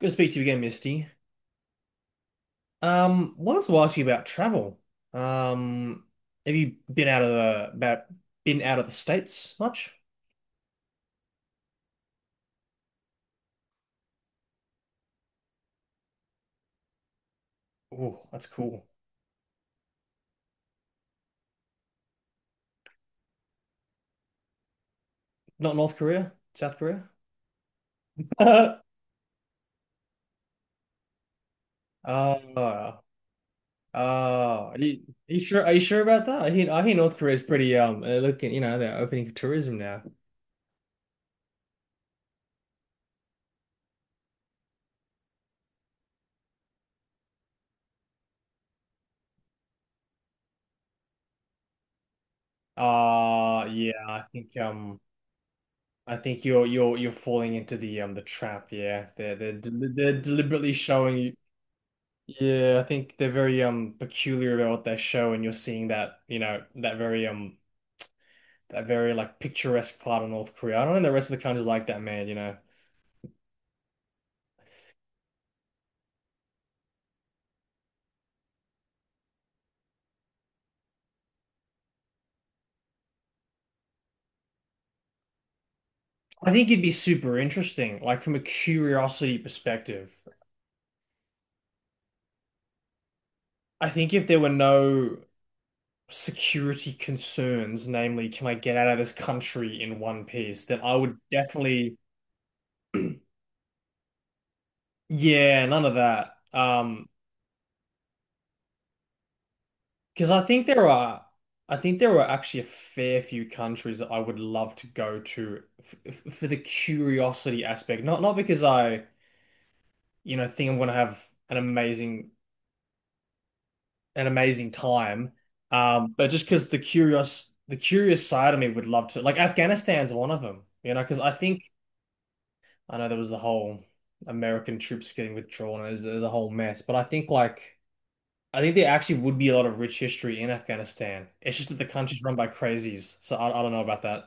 Good to speak to you again, Misty. Wanted to ask you about travel. Um, have you been out of the about Been out of the States much? Oh, that's cool. Not North Korea, South Korea. Oh, oh, are you, are you sure? Are you sure about that? I hear North Korea's pretty looking. You know, they're opening for tourism now. Yeah, I think you're you're falling into the trap. Yeah, they're del they're deliberately showing you. Yeah, I think they're very peculiar about what they show, and you're seeing that, you know, that very that very like picturesque part of North Korea. I don't know the rest of the country's like that, man, you know. I think it'd be super interesting, like from a curiosity perspective. I think if there were no security concerns, namely, can I get out of this country in one piece, then I would definitely, yeah, none of that. Because I think there are, I think there are actually a fair few countries that I would love to go to for the curiosity aspect. Not because I, you know, think I'm going to have an amazing an amazing time, but just because the curious side of me would love to. Like Afghanistan's one of them, you know, because I think I know there was the whole American troops getting withdrawn. It was a whole mess, but I think like. I think there actually would be a lot of rich history in Afghanistan. It's just that the country's run by crazies, so I don't know about that.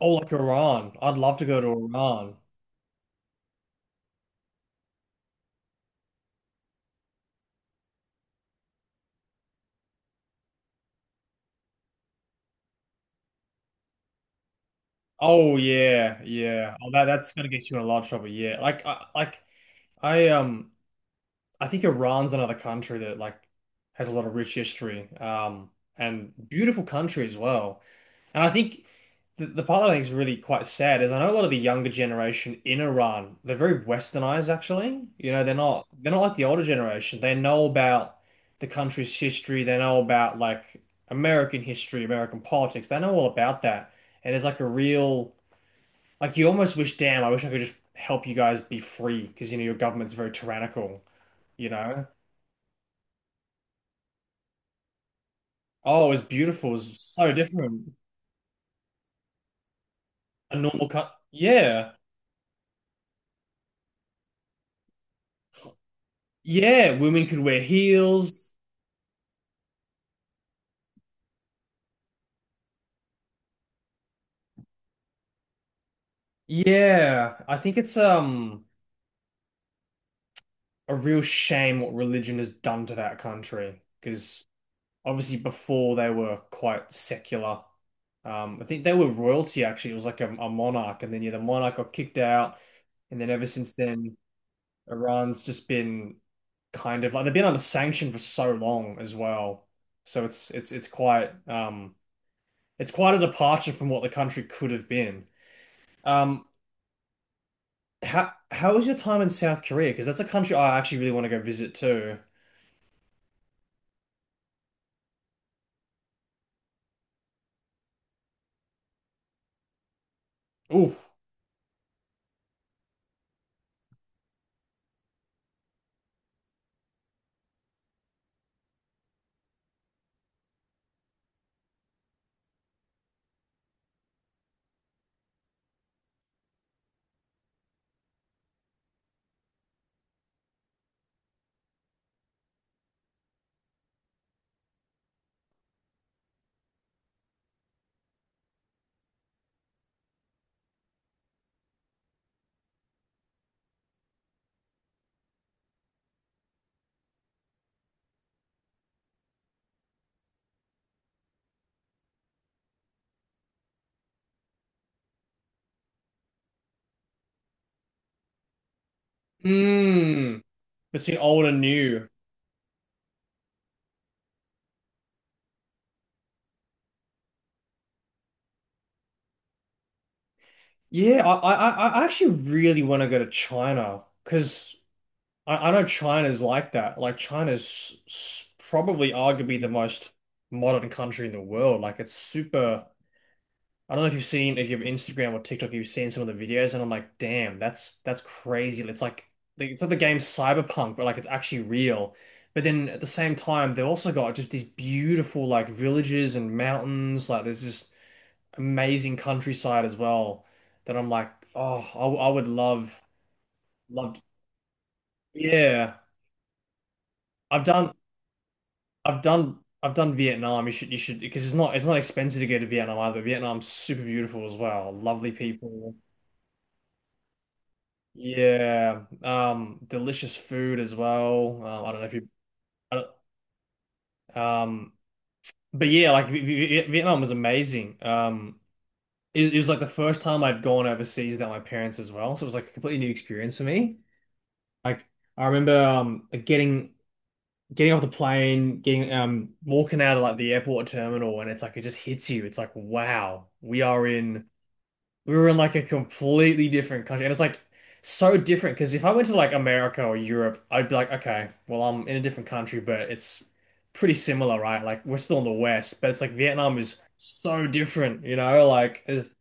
Oh, like Iran. I'd love to go to Iran. Oh yeah, yeah. Oh, that that's gonna get you in a lot of trouble. Yeah, like I um I think Iran's another country that like has a lot of rich history, and beautiful country as well. And I think the part that I think is really quite sad is I know a lot of the younger generation in Iran, they're very westernized actually. You know, they're not like the older generation. They know about the country's history, they know about like American history, American politics, they know all about that. And it's like a real like you almost wish, damn, I wish I could just help you guys be free because you know your government's very tyrannical, you know? Oh, it was beautiful, it was so different. A normal cut. Yeah. Yeah, women could wear heels. Yeah, I think it's a real shame what religion has done to that country because obviously before they were quite secular. I think they were royalty actually. It was like a monarch, and then yeah, the monarch got kicked out, and then ever since then, Iran's just been kind of like they've been under sanction for so long as well. So it's quite it's quite a departure from what the country could have been. Um, how was your time in South Korea? Because that's a country I actually really want to go visit too. Ooh, mm, between old and new. Yeah, I actually really want to go to China because I know China's like that. Like China's probably arguably the most modern country in the world. Like it's super. I don't know if you've seen if you have Instagram or TikTok, you've seen some of the videos, and I'm like, damn, that's crazy. It's like it's like the game Cyberpunk, but like it's actually real. But then at the same time, they've also got just these beautiful like villages and mountains. Like there's just amazing countryside as well that I'm like, oh, I would love loved. Yeah, I've done I've done Vietnam. You should because it's not expensive to go to Vietnam either. Vietnam's super beautiful as well. Lovely people. Yeah, delicious food as well. I don't know if you, I don't- um, but Yeah, like Vietnam was amazing. It was like the first time I'd gone overseas without my parents as well, so it was like a completely new experience for me. Like I remember, getting getting off the plane, getting walking out of like the airport terminal, and it's like it just hits you. It's like, wow, we are in. We were in like a completely different country. And it's like so different because if I went to like America or Europe, I'd be like, okay, well, I'm in a different country, but it's pretty similar, right? Like we're still in the West, but it's like Vietnam is so different, you know? Like is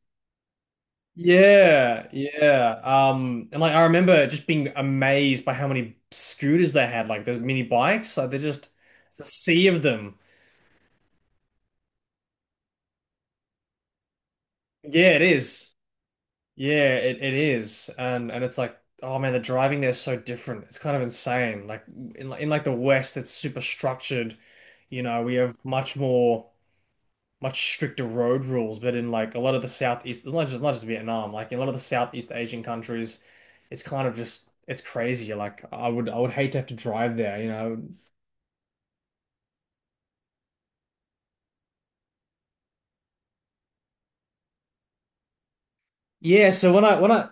yeah, yeah. And like I remember just being amazed by how many scooters they had, like those mini bikes. Like they're just it's a sea of them. Yeah, it is. Yeah, it is. And it's like, oh man, the driving there is so different. It's kind of insane. Like in like the West, it's super structured. You know, we have much stricter road rules, but in like a lot of the Southeast, not just Vietnam, like in a lot of the Southeast Asian countries, it's kind of just it's crazy. Like I would hate to have to drive there, you know. Yeah, so when I when I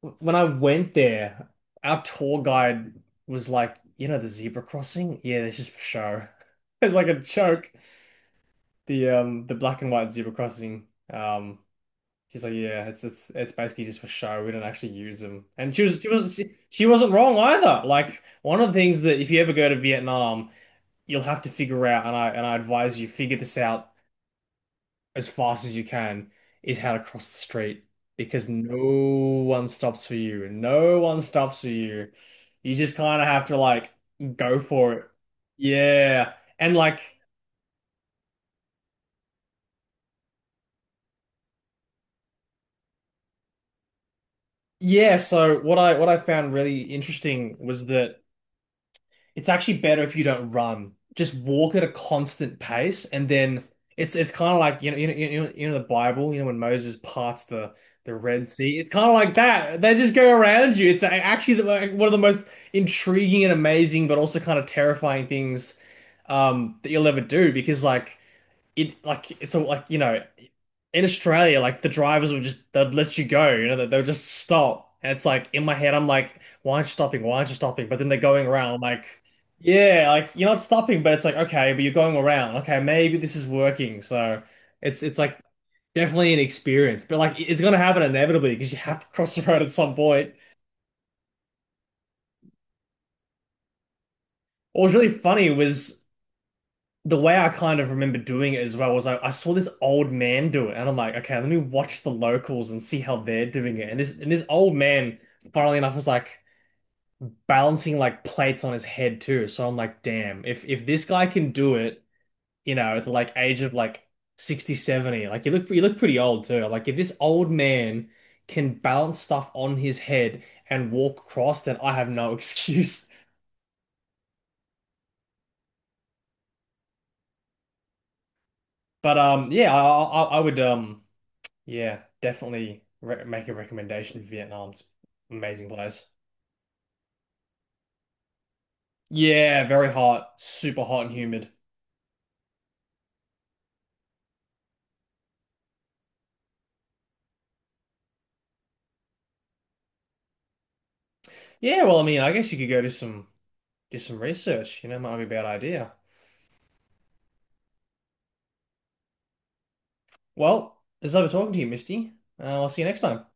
When I went there, our tour guide was like, you know, the zebra crossing? Yeah, this is for show. It's like a joke. The black and white zebra crossing. She's like, yeah, it's basically just for show. We don't actually use them. And she wasn't wrong either. Like one of the things that if you ever go to Vietnam, you'll have to figure out and I advise you figure this out as fast as you can is how to cross the street because no one stops for you and no one stops for you. You just kind of have to like go for it. Yeah. And like yeah, so what I found really interesting was that it's actually better if you don't run. Just walk at a constant pace, and then it's kind of like you know you know you know, you know the Bible. You know when Moses parts the Red Sea. It's kind of like that. They just go around you. It's actually the, like, one of the most intriguing and amazing, but also kind of terrifying things that you'll ever do because like it like it's all like you know in Australia like the drivers would just they'd let you go, you know, they'll just stop, and it's like in my head I'm like why aren't you stopping, why aren't you stopping, but then they're going around, I'm like, yeah, like you're not stopping, but it's like okay, but you're going around, okay, maybe this is working. So it's like definitely an experience, but like it's gonna happen inevitably because you have to cross the road at some point. What was really funny was the way I kind of remember doing it as well was I saw this old man do it, and I'm like, okay, let me watch the locals and see how they're doing it. And this old man, funnily enough, was like balancing like plates on his head too. So I'm like, damn, if this guy can do it, you know, at the like age of like 60, 70, like you look pretty old too. Like if this old man can balance stuff on his head and walk across, then I have no excuse. But yeah, I would yeah, definitely re make a recommendation for Vietnam. It's an amazing place. Yeah, very hot, super hot and humid. Yeah, well, I mean, I guess you could go do some research. You know, might be a bad idea. Well, it's lovely talking to you, Misty. I'll see you next time.